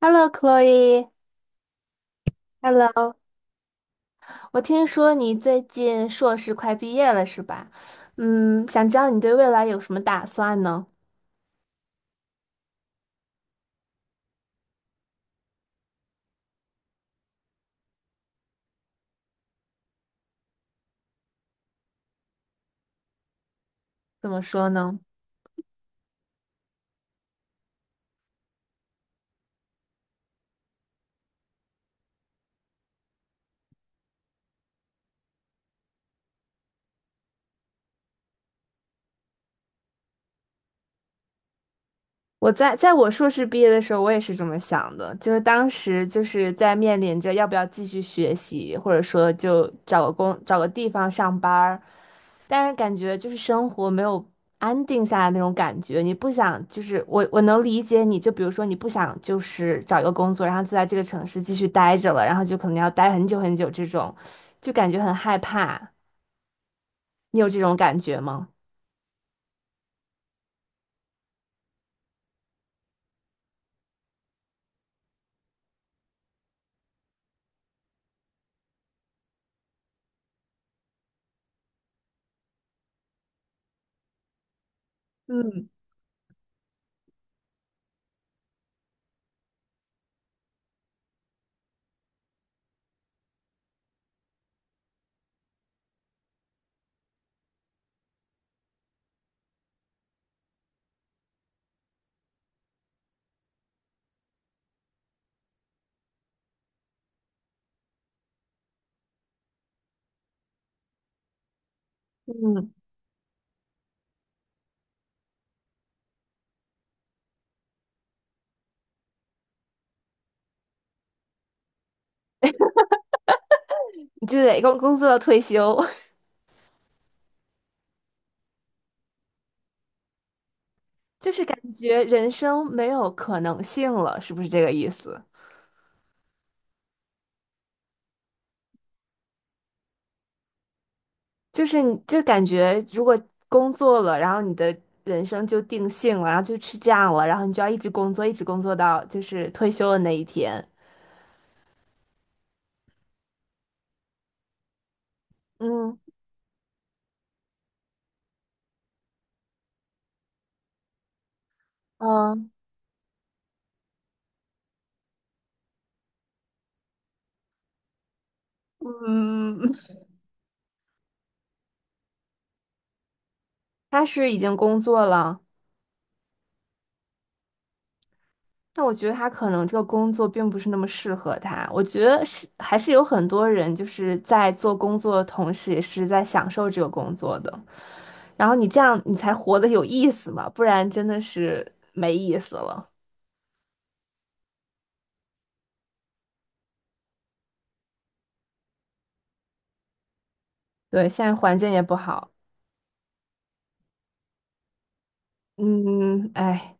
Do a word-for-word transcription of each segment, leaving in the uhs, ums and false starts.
Hello,Chloe,Hello,我听说你最近硕士快毕业了，是吧？嗯，想知道你对未来有什么打算呢？怎么说呢？我在在我硕士毕业的时候，我也是这么想的，就是当时就是在面临着要不要继续学习，或者说就找个工找个地方上班儿，但是感觉就是生活没有安定下来那种感觉，你不想就是我我能理解你，就比如说你不想就是找一个工作，然后就在这个城市继续待着了，然后就可能要待很久很久这种，就感觉很害怕。你有这种感觉吗？嗯嗯，你就得工工作到退休，就是感觉人生没有可能性了，是不是这个意思？就是你就感觉如果工作了，然后你的人生就定性了，然后就吃样了，然后你就要一直工作，一直工作到就是退休的那一天。嗯嗯嗯，他是已经工作了，但我觉得他可能这个工作并不是那么适合他。我觉得是还是有很多人就是在做工作的同时，也是在享受这个工作的。然后你这样，你才活得有意思嘛，不然真的是没意思了。对，现在环境也不好。嗯，哎，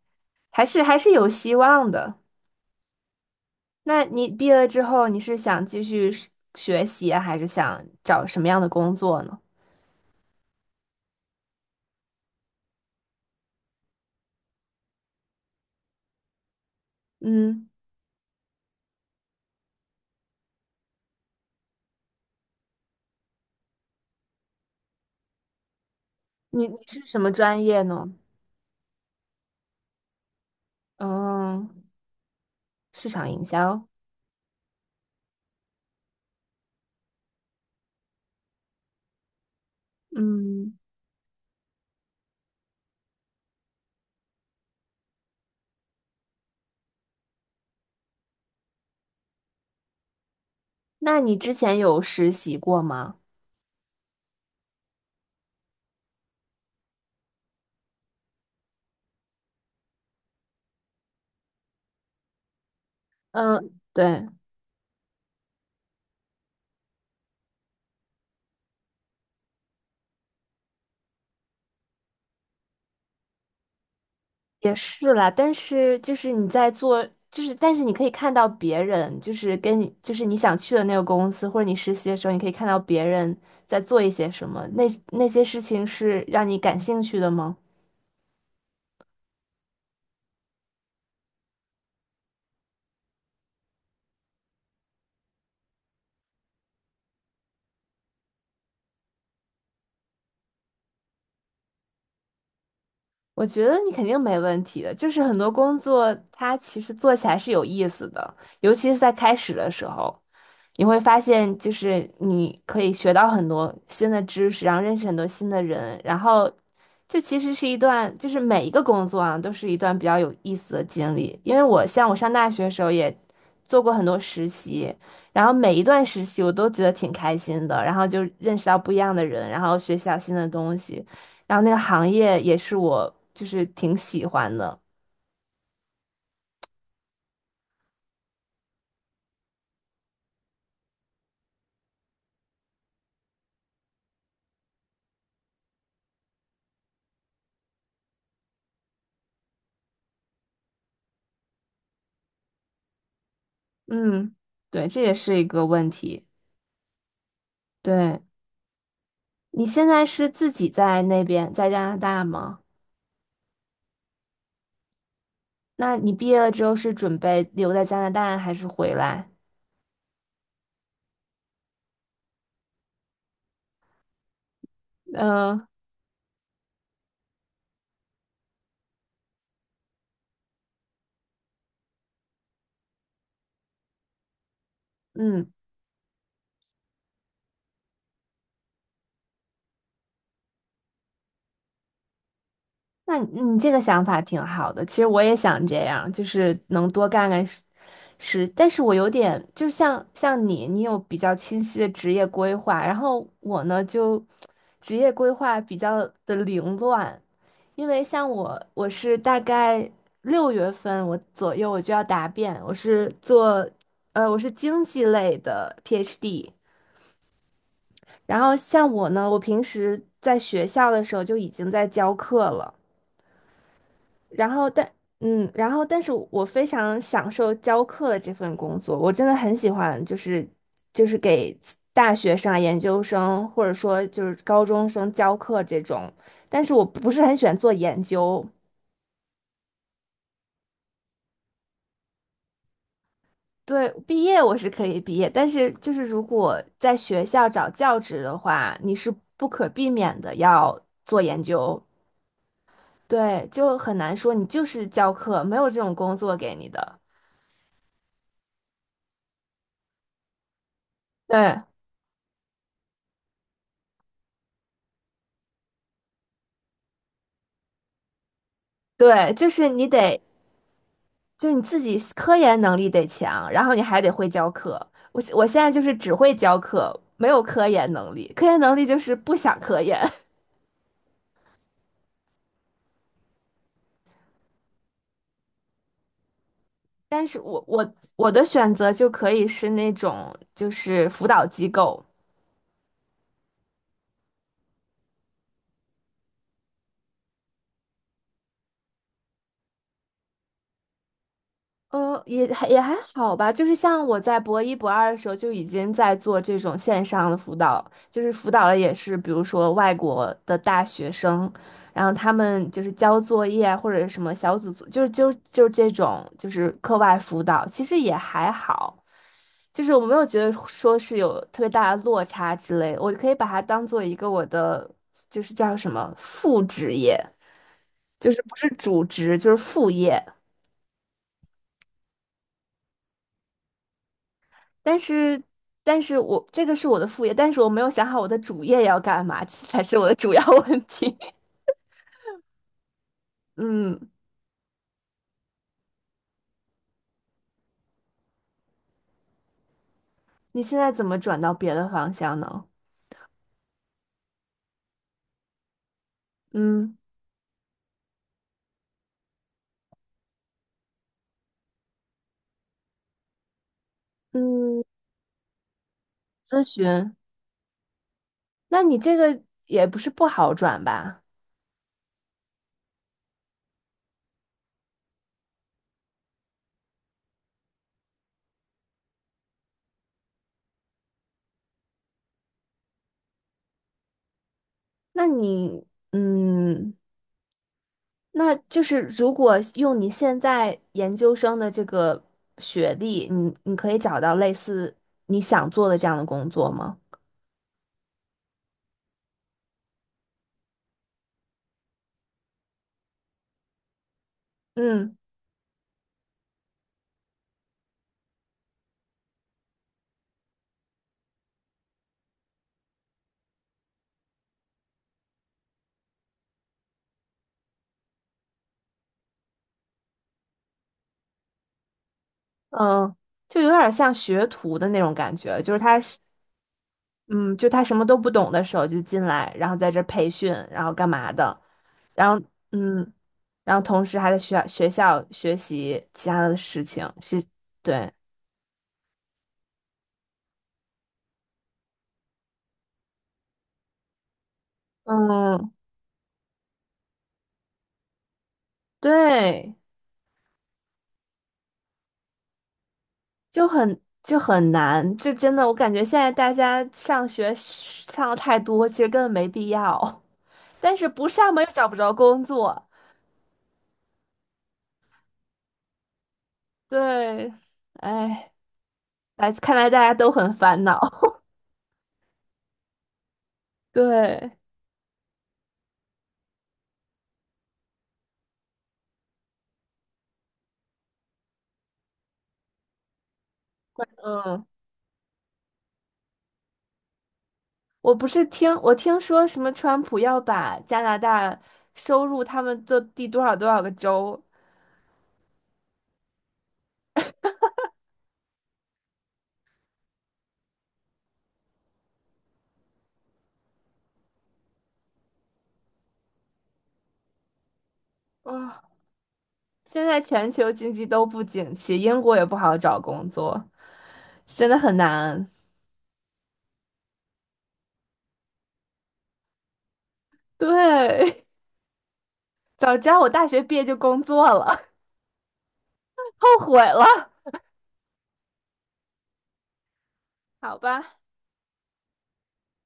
还是还是有希望的。那你毕业了之后，你是想继续是学习啊还是想找什么样的工作呢？嗯，你你是什么专业呢？嗯，市场营销。嗯，那你之前有实习过吗？嗯，对。也是啦，但是就是你在做，就是但是你可以看到别人，就是跟你，就是你想去的那个公司，或者你实习的时候，你可以看到别人在做一些什么，那那些事情是让你感兴趣的吗？我觉得你肯定没问题的，就是很多工作它其实做起来是有意思的，尤其是在开始的时候，你会发现，就是你可以学到很多新的知识，然后认识很多新的人，然后这其实是一段，就是每一个工作啊，都是一段比较有意思的经历。因为我像我上大学的时候也做过很多实习，然后每一段实习我都觉得挺开心的，然后就认识到不一样的人，然后学习到新的东西，然后那个行业也是我就是挺喜欢的。嗯，对，这也是一个问题。对。你现在是自己在那边，在加拿大吗？那你毕业了之后是准备留在加拿大还是回来？嗯嗯，那你你这个想法挺好的。其实我也想这样，就是能多干干事，事但是我有点，就像像你，你有比较清晰的职业规划，然后我呢就职业规划比较的凌乱，因为像我，我是大概六月份我左右我就要答辩，我是做，呃，我是经济类的 P h D。然后像我呢，我平时在学校的时候就已经在教课了。然后但，嗯，然后但是我非常享受教课的这份工作，我真的很喜欢，就是就是给大学生啊研究生或者说就是高中生教课这种。但是我不是很喜欢做研究，对，毕业我是可以毕业，但是就是如果在学校找教职的话，你是不可避免的要做研究，对，就很难说你就是教课，没有这种工作给你的。对对，就是你得，就是你自己科研能力得强，然后你还得会教课。我我现在就是只会教课，没有科研能力，科研能力就是不想科研。但是我我我的选择就可以是那种就是辅导机构。嗯，也还也还好吧，就是像我在博一、博二的时候就已经在做这种线上的辅导，就是辅导的也是，比如说外国的大学生，然后他们就是交作业啊或者什么小组作，就是就就这种就是课外辅导，其实也还好，就是我没有觉得说是有特别大的落差之类的我可以把它当做一个我的就是叫什么副职业，就是不是主职，就是副业。但是，但是我这个是我的副业，但是我没有想好我的主业要干嘛，这才是我的主要问题。嗯，你现在怎么转到别的方向呢？嗯嗯，咨询，那你这个也不是不好转吧？那你嗯，那就是如果用你现在研究生的这个学历，你你可以找到类似你想做的这样的工作吗？嗯。嗯，就有点像学徒的那种感觉，就是他是，嗯，就他什么都不懂的时候就进来，然后在这儿培训，然后干嘛的，然后嗯，然后同时还在学校学校学习其他的事情，是，对，嗯，对，就很就很难，就真的我感觉现在大家上学上的太多，其实根本没必要，但是不上嘛又找不着工作，对，哎，来，看来大家都很烦恼。对，嗯，我不是听我听说什么川普要把加拿大收入他们的第多少多少个州啊，现在全球经济都不景气，英国也不好找工作，真的很难。对，早知道我大学毕业就工作了，后悔了。好吧，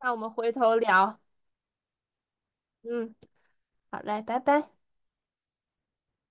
那我们回头聊。嗯，好嘞，拜拜。